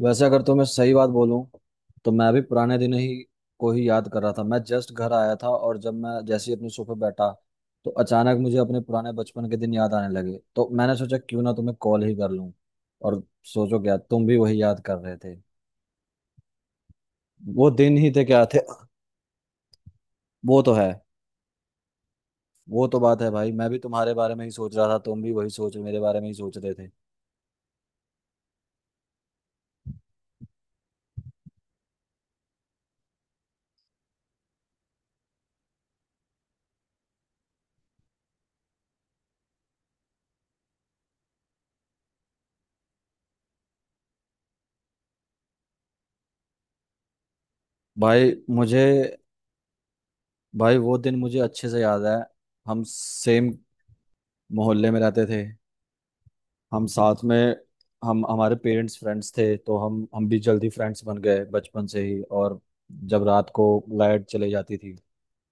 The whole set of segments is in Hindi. वैसे अगर तुम्हें सही बात बोलूं तो मैं भी पुराने दिन ही को ही याद कर रहा था। मैं जस्ट घर आया था और जब मैं जैसे ही अपने सोफे बैठा तो अचानक मुझे अपने पुराने बचपन के दिन याद आने लगे। तो मैंने सोचा क्यों ना तुम्हें कॉल ही कर लूं और सोचो क्या तुम भी वही याद कर रहे थे। वो दिन ही थे क्या थे। वो तो है। वो तो बात है भाई, मैं भी तुम्हारे बारे में ही सोच रहा था, तुम भी वही सोच मेरे बारे में ही सोच रहे थे। भाई मुझे भाई वो दिन मुझे अच्छे से याद है। हम सेम मोहल्ले में रहते थे, हम साथ में, हम हमारे पेरेंट्स फ्रेंड्स थे तो हम भी जल्दी फ्रेंड्स बन गए बचपन से ही। और जब रात को लाइट चली जाती थी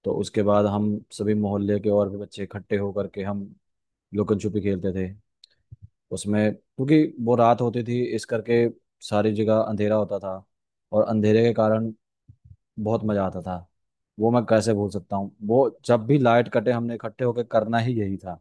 तो उसके बाद हम सभी मोहल्ले के और भी बच्चे इकट्ठे होकर के हम लुकन छुपी खेलते थे। उसमें क्योंकि वो रात होती थी इस करके सारी जगह अंधेरा होता था, और अंधेरे के कारण बहुत मजा आता था। वो मैं कैसे भूल सकता हूँ। वो जब भी लाइट कटे हमने इकट्ठे होकर करना ही यही था।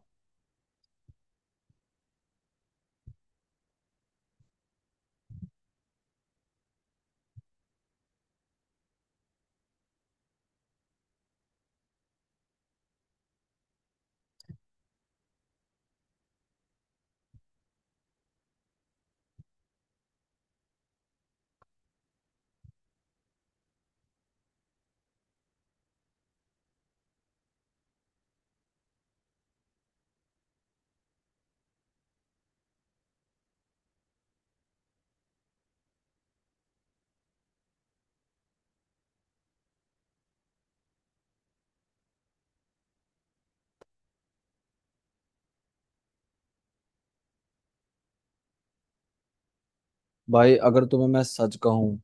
भाई अगर तुम्हें मैं सच कहूं,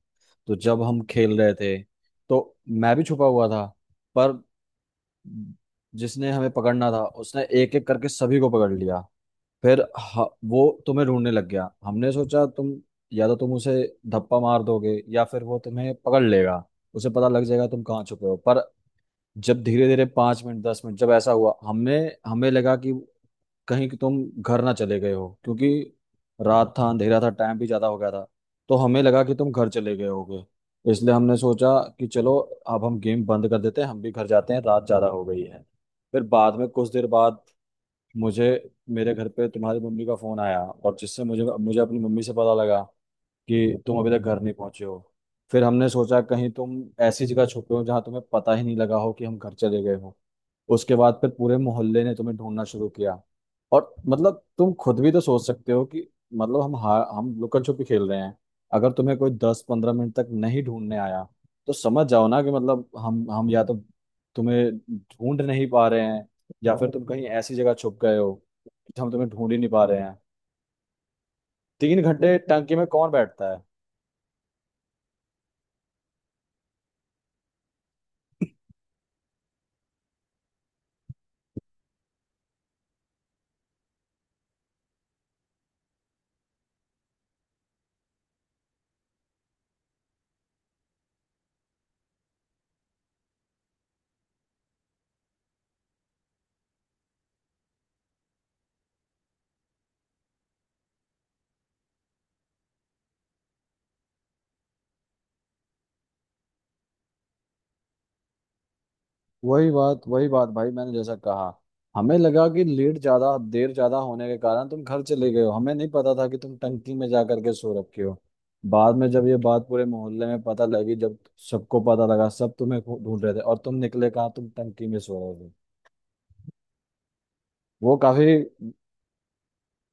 तो जब हम खेल रहे थे तो मैं भी छुपा हुआ था। पर जिसने हमें पकड़ना था उसने एक एक करके सभी को पकड़ लिया। फिर वो तुम्हें ढूंढने लग गया। हमने सोचा तुम या तो तुम उसे धप्पा मार दोगे या फिर वो तुम्हें पकड़ लेगा, उसे पता लग जाएगा तुम कहाँ छुपे हो। पर जब धीरे धीरे 5 मिनट 10 मिनट जब ऐसा हुआ, हमने हमें लगा कि कहीं कि तुम घर ना चले गए हो, क्योंकि रात था अंधेरा था टाइम भी ज्यादा हो गया था। तो हमें लगा कि तुम घर चले गए होगे। इसलिए हमने सोचा कि चलो अब हम गेम बंद कर देते हैं, हम भी घर जाते हैं, रात ज्यादा हो गई है। फिर बाद में कुछ देर बाद मुझे, मेरे घर पे तुम्हारी मम्मी का फोन आया, और जिससे मुझे मुझे अपनी मम्मी से पता लगा कि तुम अभी तक घर नहीं पहुंचे हो। फिर हमने सोचा कहीं तुम ऐसी जगह छुपे हो जहां तुम्हें पता ही नहीं लगा हो कि हम घर चले गए हो। उसके बाद फिर पूरे मोहल्ले ने तुम्हें ढूंढना शुरू किया। और मतलब तुम खुद भी तो सोच सकते हो कि मतलब हम लुकन छुपी खेल रहे हैं, अगर तुम्हें कोई 10 15 मिनट तक नहीं ढूंढने आया तो समझ जाओ ना कि मतलब हम या तो तुम्हें ढूंढ नहीं पा रहे हैं, या फिर तुम कहीं ऐसी जगह छुप गए हो कि हम तुम्हें ढूंढ ही नहीं पा रहे हैं। 3 घंटे टंकी में कौन बैठता है। वही बात भाई, मैंने जैसा कहा, हमें लगा कि लेट ज्यादा देर ज्यादा होने के कारण तुम घर चले गए हो, हमें नहीं पता था कि तुम टंकी में जा करके सो रखे हो। बाद में जब ये बात पूरे मोहल्ले में पता लगी, जब सबको पता लगा, सब तुम्हें ढूंढ रहे थे, और तुम निकले कहाँ, तुम टंकी में सो रहे थे। वो काफी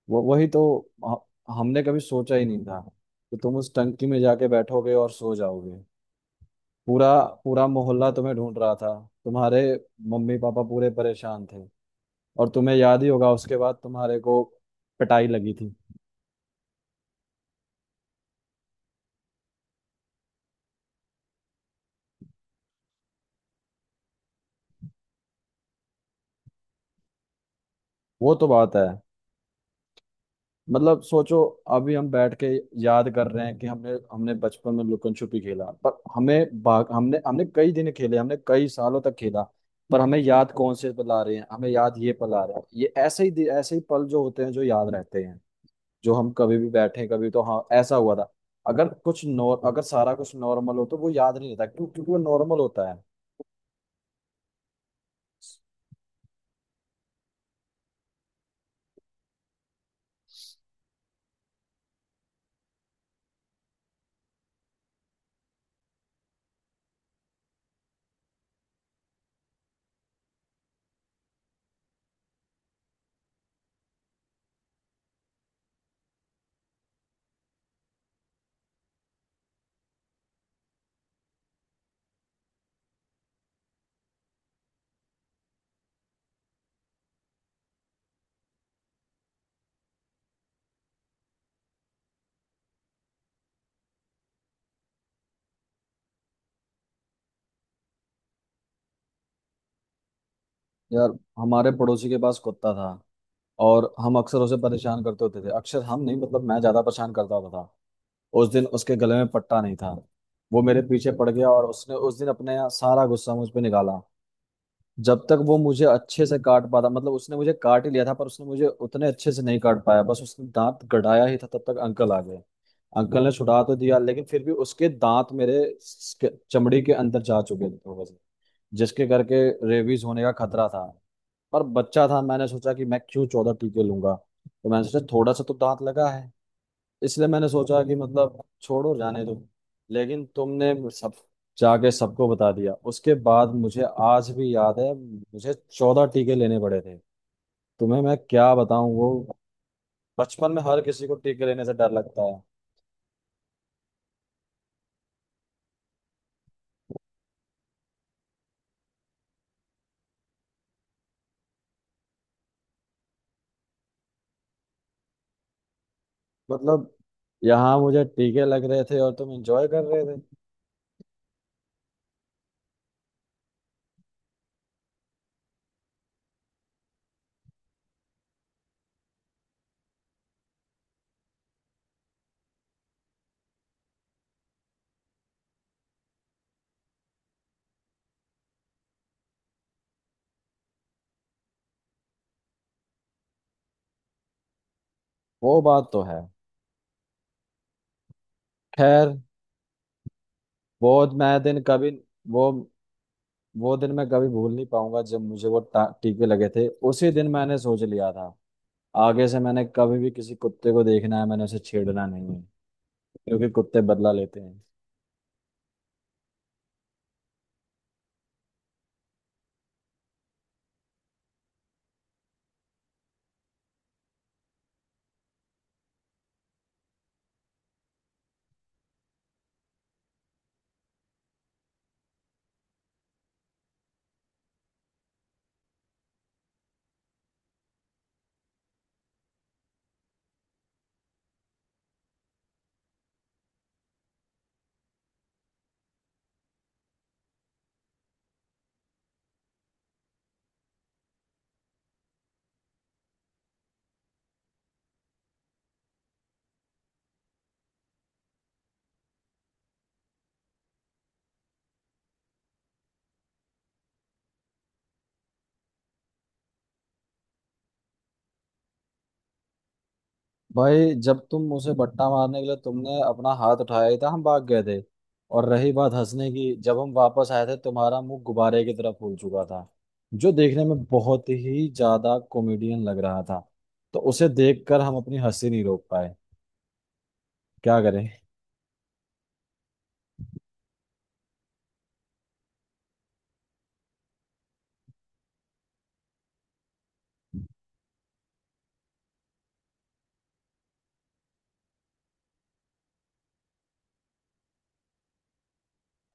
वो वही तो ह- हमने कभी सोचा ही नहीं था कि तुम उस टंकी में जाके बैठोगे और सो जाओगे। पूरा पूरा मोहल्ला तुम्हें ढूंढ रहा था, तुम्हारे मम्मी पापा पूरे परेशान थे। और तुम्हें याद ही होगा उसके बाद तुम्हारे को पिटाई लगी थी। वो तो बात है। मतलब सोचो, अभी हम बैठ के याद कर रहे हैं कि हमने हमने बचपन में लुकन छुपी खेला। पर हमें भाग हमने हमने कई दिन खेले, हमने कई सालों तक खेला, पर हमें याद कौन से पल आ रहे हैं। हमें याद ये पल आ रहा है। ये ऐसे ही ऐसे ही पल जो होते हैं जो याद रहते हैं, जो हम कभी भी बैठे कभी, तो हाँ ऐसा हुआ था। अगर कुछ नॉर अगर सारा कुछ नॉर्मल हो तो वो याद नहीं रहता, क्यों, क्योंकि वो नॉर्मल होता है। यार हमारे पड़ोसी के पास कुत्ता था, और हम अक्सर उसे परेशान करते होते थे। अक्सर हम नहीं, मतलब मैं ज्यादा परेशान करता होता था। उस दिन उसके गले में पट्टा नहीं था। वो मेरे पीछे पड़ गया, और उसने उस दिन अपने सारा गुस्सा मुझ पे निकाला। जब तक वो मुझे अच्छे से काट पाता, मतलब उसने मुझे काट ही लिया था, पर उसने मुझे उतने अच्छे से नहीं काट पाया, बस उसने दांत गड़ाया ही था तब तक अंकल आ गए। अंकल ने छुड़ा तो दिया, लेकिन फिर भी उसके दांत मेरे चमड़ी के अंदर जा चुके थे। जिसके करके रेबीज होने का खतरा था। पर बच्चा था, मैंने सोचा कि मैं क्यों 14 टीके लूंगा, तो मैंने सोचा थोड़ा सा तो दांत लगा है, इसलिए मैंने सोचा कि मतलब छोड़ो जाने दो। लेकिन तुमने सब जाके सबको बता दिया, उसके बाद मुझे आज भी याद है, मुझे 14 टीके लेने पड़े थे। तुम्हें मैं क्या बताऊं, वो बचपन में हर किसी को टीके लेने से डर लगता है। मतलब यहाँ मुझे टीके लग रहे थे और तुम एंजॉय कर रहे थे। वो बात तो है। खैर, वो मैं दिन कभी वो वो दिन मैं कभी भूल नहीं पाऊंगा जब मुझे वो टीके लगे थे। उसी दिन मैंने सोच लिया था आगे से मैंने कभी भी किसी कुत्ते को देखना है मैंने उसे छेड़ना नहीं है, क्योंकि कुत्ते बदला लेते हैं। भाई जब तुम उसे बट्टा मारने के लिए तुमने अपना हाथ उठाया ही था हम भाग गए थे। और रही बात हंसने की, जब हम वापस आए थे तुम्हारा मुंह गुब्बारे की तरह फूल चुका था, जो देखने में बहुत ही ज्यादा कॉमेडियन लग रहा था, तो उसे देखकर हम अपनी हंसी नहीं रोक पाए, क्या करें।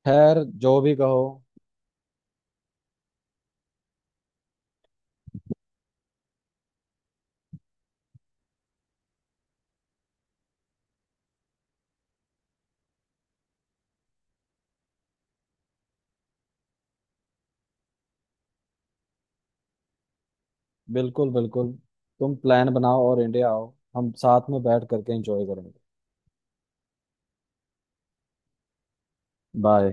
खैर, जो भी कहो, बिल्कुल बिल्कुल, तुम प्लान बनाओ और इंडिया आओ, हम साथ में बैठ करके एंजॉय करेंगे। बाय।